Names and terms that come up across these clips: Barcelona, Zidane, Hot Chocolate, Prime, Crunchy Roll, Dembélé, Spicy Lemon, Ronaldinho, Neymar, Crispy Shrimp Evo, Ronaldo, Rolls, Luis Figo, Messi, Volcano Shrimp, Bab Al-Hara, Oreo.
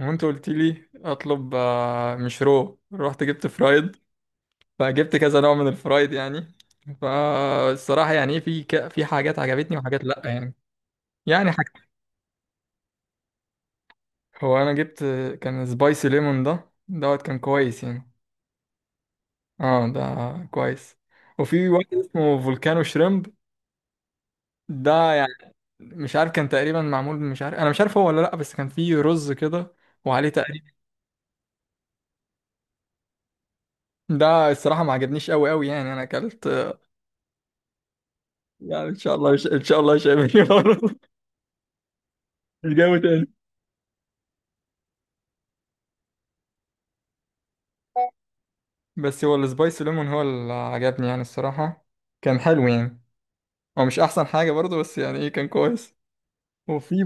هو انت قلت لي اطلب مش رحت جبت فرايد. فجبت كذا نوع من الفرايد يعني. فالصراحة يعني في حاجات عجبتني وحاجات لا يعني. يعني حاجة. هو انا جبت كان سبايسي ليمون ده كان كويس يعني. اه ده كويس. وفي واحد اسمه فولكانو شريمب ده يعني مش عارف، كان تقريبا معمول، مش عارف، انا مش عارف هو ولا لا، بس كان فيه رز كده وعليه تقريبا. ده الصراحة ما عجبنيش قوي يعني انا اكلت. يعني ان شاء الله، ان شاء الله مش هيعمل كده برضه. مش جاي تاني. بس هو السبايسي ليمون هو اللي عجبني يعني الصراحة، كان حلو يعني. هو مش أحسن حاجة برضه بس يعني إيه، كان كويس. وفي،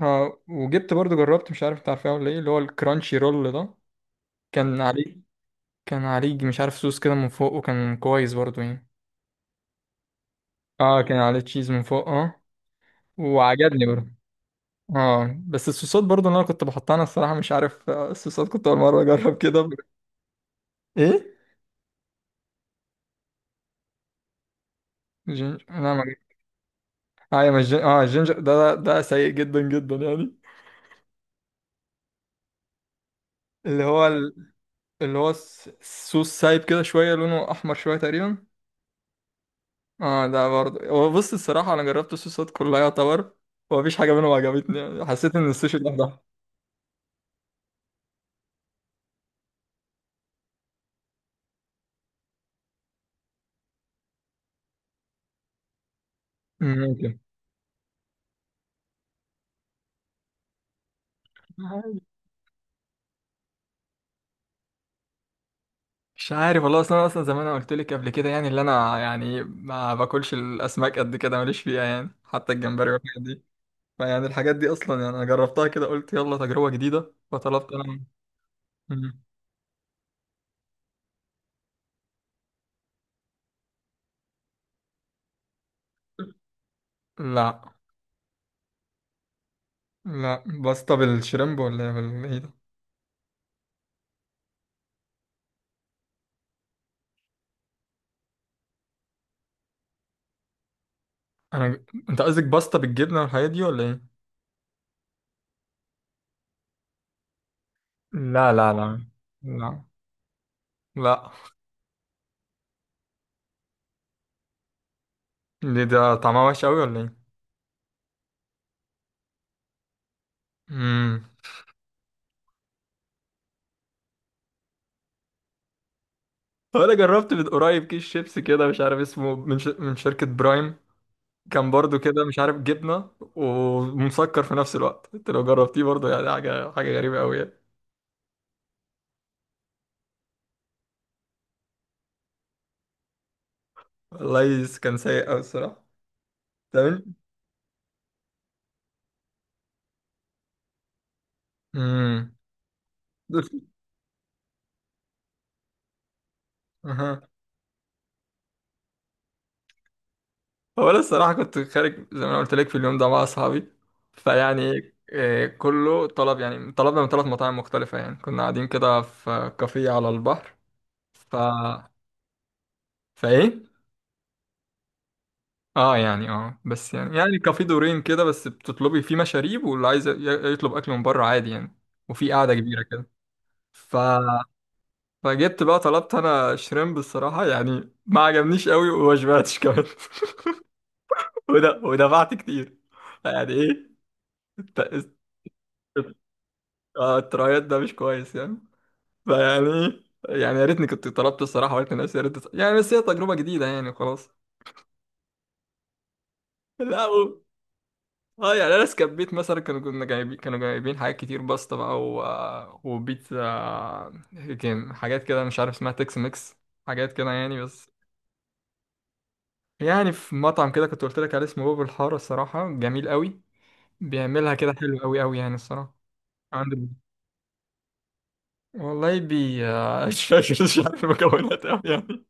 ها، وجبت برضه، جربت مش عارف أنت عارفها ولا إيه، اللي هو الكرانشي رول ده كان عليه، كان عليه مش عارف صوص كده من فوق، وكان كويس برضه يعني. اه كان عليه تشيز من فوق، اه، وعجبني برضه. اه، بس الصوصات برضه اللي انا كنت بحطها، انا الصراحه مش عارف، الصوصات كنت اول مره اجرب كده. ايه جينجر؟ لا ما. ايوه، مش جن... اه الجينجر ده ده سيء جدا جدا يعني. اللي هو ال... اللي هو السوس سايب كده شويه، لونه احمر شويه تقريبا. اه ده برضه، هو بص الصراحه انا جربت الصوصات كلها يعتبر، ومفيش حاجه منهم عجبتني يعني، حسيت ان السوشي لوحده. ممكن. مش عارف والله، اصلا زي ما انا قلت لك قبل كده، يعني اللي انا يعني ما باكلش الاسماك قد كده، ماليش فيها يعني، حتى الجمبري والحاجات دي. فيعني الحاجات دي اصلا يعني انا جربتها كده، قلت يلا تجربه جديده، فطلبت انا. مم. لا لا. باستا بالشريمب ولا ايه إيه ده؟ انا ج- انت قصدك باستا بالجبنه والحاجات دي ولا ايه؟ لا لا لا. لا. لا. ليه، ده طعمها وحش قوي ولا ايه؟ امم. طب انا جربت من قريب كيس شيبسي كده مش عارف اسمه من شركه برايم، كان برضو كده مش عارف جبنه ومسكر في نفس الوقت، انت لو جربتيه برضو يعني حاجه، حاجه غريبه قوي يعني. والله كان سيء قوي الصراحه. تمام. امم. هو انا الصراحه كنت خارج زي ما انا قلت لك في اليوم ده مع اصحابي، فيعني كله طلب، يعني طلبنا من ثلاث مطاعم مختلفه، يعني كنا قاعدين كده في كافيه على البحر. ف، فايه، اه، يعني اه، بس يعني، يعني كافيه دورين كده، بس بتطلبي فيه مشاريب، واللي عايز يطلب اكل من بره عادي يعني. وفي قاعده كبيره كده. ف، فجبت بقى، طلبت انا شريمب الصراحه يعني ما عجبنيش قوي وما شبعتش كمان. وده، ودفعت كتير يعني ايه. الت- اه الترايات ده مش كويس يعني. فيعني، يعني يا ريتني كنت طلبت الصراحه، وقلت لنفسي يا ريت يعني، بس هي تجربه جديده يعني خلاص. لا و... اه يعني انا سكبيت مثلا، كانوا جايبين حاجات كتير، باستا بقى و... وبيتزا. كان حاجات كده مش عارف اسمها تكس ميكس. حاجات كده يعني بس. يعني في مطعم كده كنت قلت لك عليه اسمه باب الحاره، الصراحه جميل قوي، بيعملها كده حلو قوي يعني الصراحه. عنده، والله بي مش فاكر، مش عارف المكونات قوي يعني،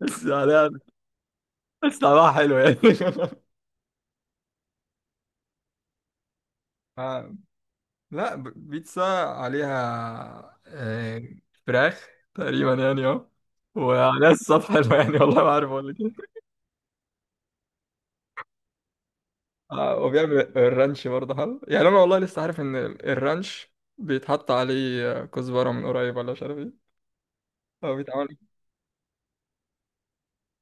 بس يعني الصراحة حلو يعني. آه، لا، بيتزا عليها فراخ تقريبا يعني اه. وعليها الصوص حلو يعني، والله ما عارف اقول لك ايه. وبيعمل الرانش برضه حلو يعني، انا والله لسه عارف ان الرانش بيتحط عليه كزبره من قريب ولا مش عارف ايه، او بيتعمل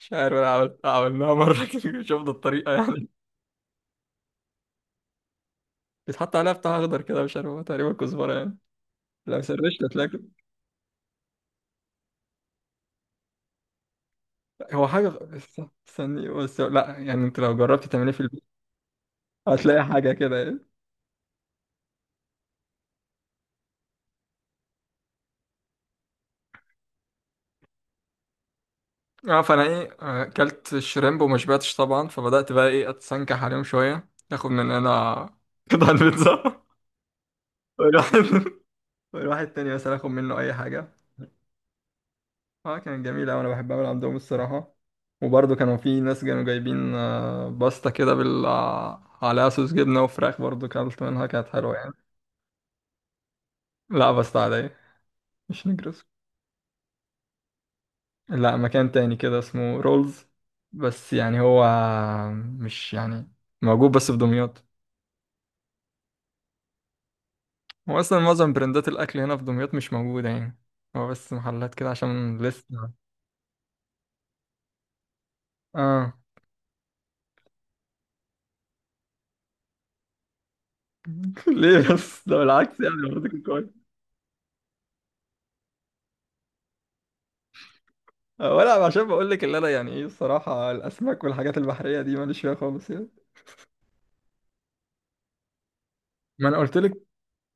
مش عارف. انا عملت، عملناها مره كده، شفنا الطريقه يعني. بيتحط عليها بتاع اخضر كده مش عارف، هو تقريبا كزبره يعني. لو سرشت هتلاقي. هو حاجه، استني بس، لا يعني انت لو جربت تعمليه في، هتلاقي حاجة كده يعني. اه فانا ايه، اكلت الشريمب وما شبعتش طبعا، فبدات بقى ايه، اتسنكح عليهم شويه، اخد من هنا. قطع البيتزا، والواحد، والواحد تاني مثلا اخد منه اي حاجه. اه كانت جميله، وانا بحب اعمل عندهم الصراحه. وبرضه كانوا في ناس كانوا جايبين باستا كده بال عليها صوص جبنه وفراخ، برضه كلت منها كانت حلوه يعني. لا باستا عاديه. مش نجرس. لا مكان تاني كده اسمه رولز، بس يعني هو، مش يعني، موجود بس في دمياط. هو اصلا معظم براندات الاكل هنا في دمياط مش موجوده يعني، هو بس محلات كده عشان لسه. اه. ليه بس؟ ده بالعكس يعني المفروض يكون كويس. ولا عشان بقول لك اللي انا يعني ايه الصراحه الاسماك والحاجات البحريه دي ماليش فيها خالص يعني. ما انا قلت لك،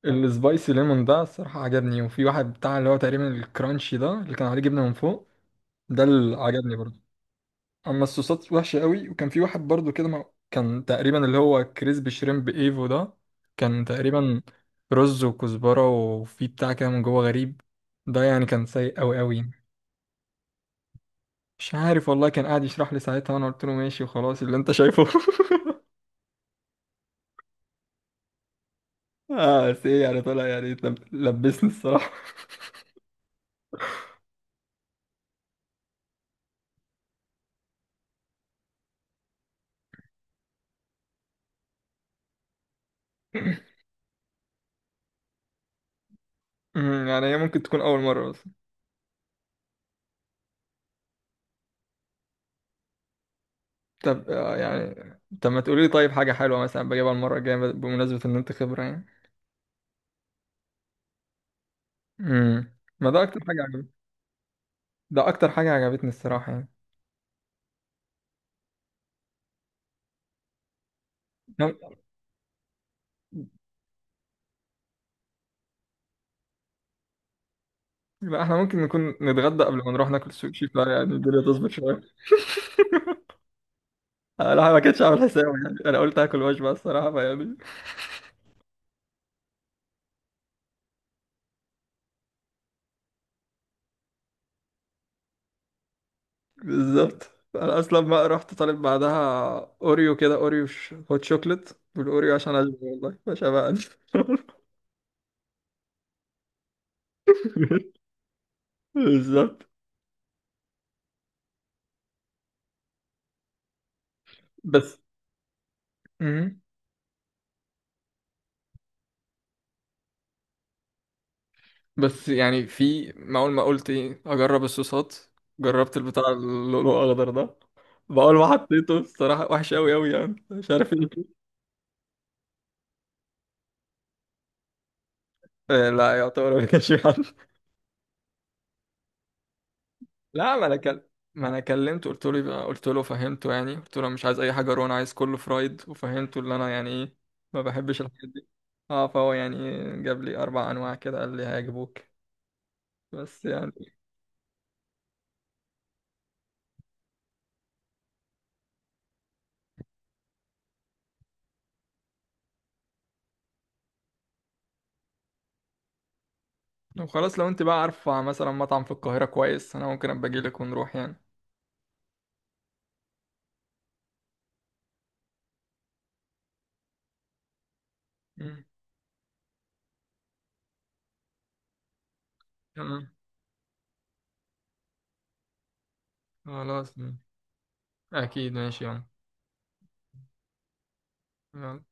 السبايسي ليمون ده الصراحه عجبني، وفي واحد بتاع اللي هو تقريبا الكرانشي ده اللي كان عليه جبنه من فوق، ده اللي عجبني برضه. اما الصوصات وحشه قوي. وكان في واحد برضو كده ما... كان تقريبا اللي هو كريسبي شريمب ايفو ده، كان تقريبا رز وكزبره وفي بتاع كده من جوه غريب، ده يعني كان سيء قوي. مش عارف والله، كان قاعد يشرح لي ساعتها وانا قلت له ماشي وخلاص اللي انت شايفه. اه بس ايه، يعني طلع يعني لبسني الصراحه. أمم، يعني هي ممكن تكون اول مره بس. طب يعني، طب ما تقولي لي طيب حاجه حلوه مثلا بجيبها المره الجايه بمناسبه ان انت خبره يعني. امم، ما ده اكتر حاجه، ده اكتر حاجه عجبتني الصراحه يعني. نعم. يبقى احنا ممكن نكون نتغدى قبل ما نروح ناكل سوشي، فيعني الدنيا تظبط شويه. انا ما كنتش عامل حساب يعني، انا قلت هاكل وجبه الصراحه فيعني. بالظبط. انا اصلا ما رحت طالب بعدها اوريو كده، اوريو هوت شوكليت. والاوريو عشان اشبع والله مش هبقى. بالظبط. بس مهم. بس يعني في ما اول ما قلت ايه اجرب الصوصات، جربت البتاع اللؤلؤ الاخضر ده، بقول ما حطيته الصراحه، وحش قوي يعني مش عارف ايه. إيه، لا يعتبر ما كانش في حد. لا، ما انا كلمته، قلت له يبقى، قلت له فهمته يعني، قلت له أنا مش عايز اي حاجه، رون عايز كله فرايد، وفهمته اللي انا يعني ايه، ما بحبش الحاجات دي. اه فهو يعني جاب لي اربع انواع كده، قال لي هيعجبوك بس يعني. لو خلاص، لو انت بقى عارفه مثلا مطعم في القاهره كويس، انا ممكن ابقى اجي لك ونروح يعني. مم. تمام. خلاص مم. اكيد ماشي يلا. يلا.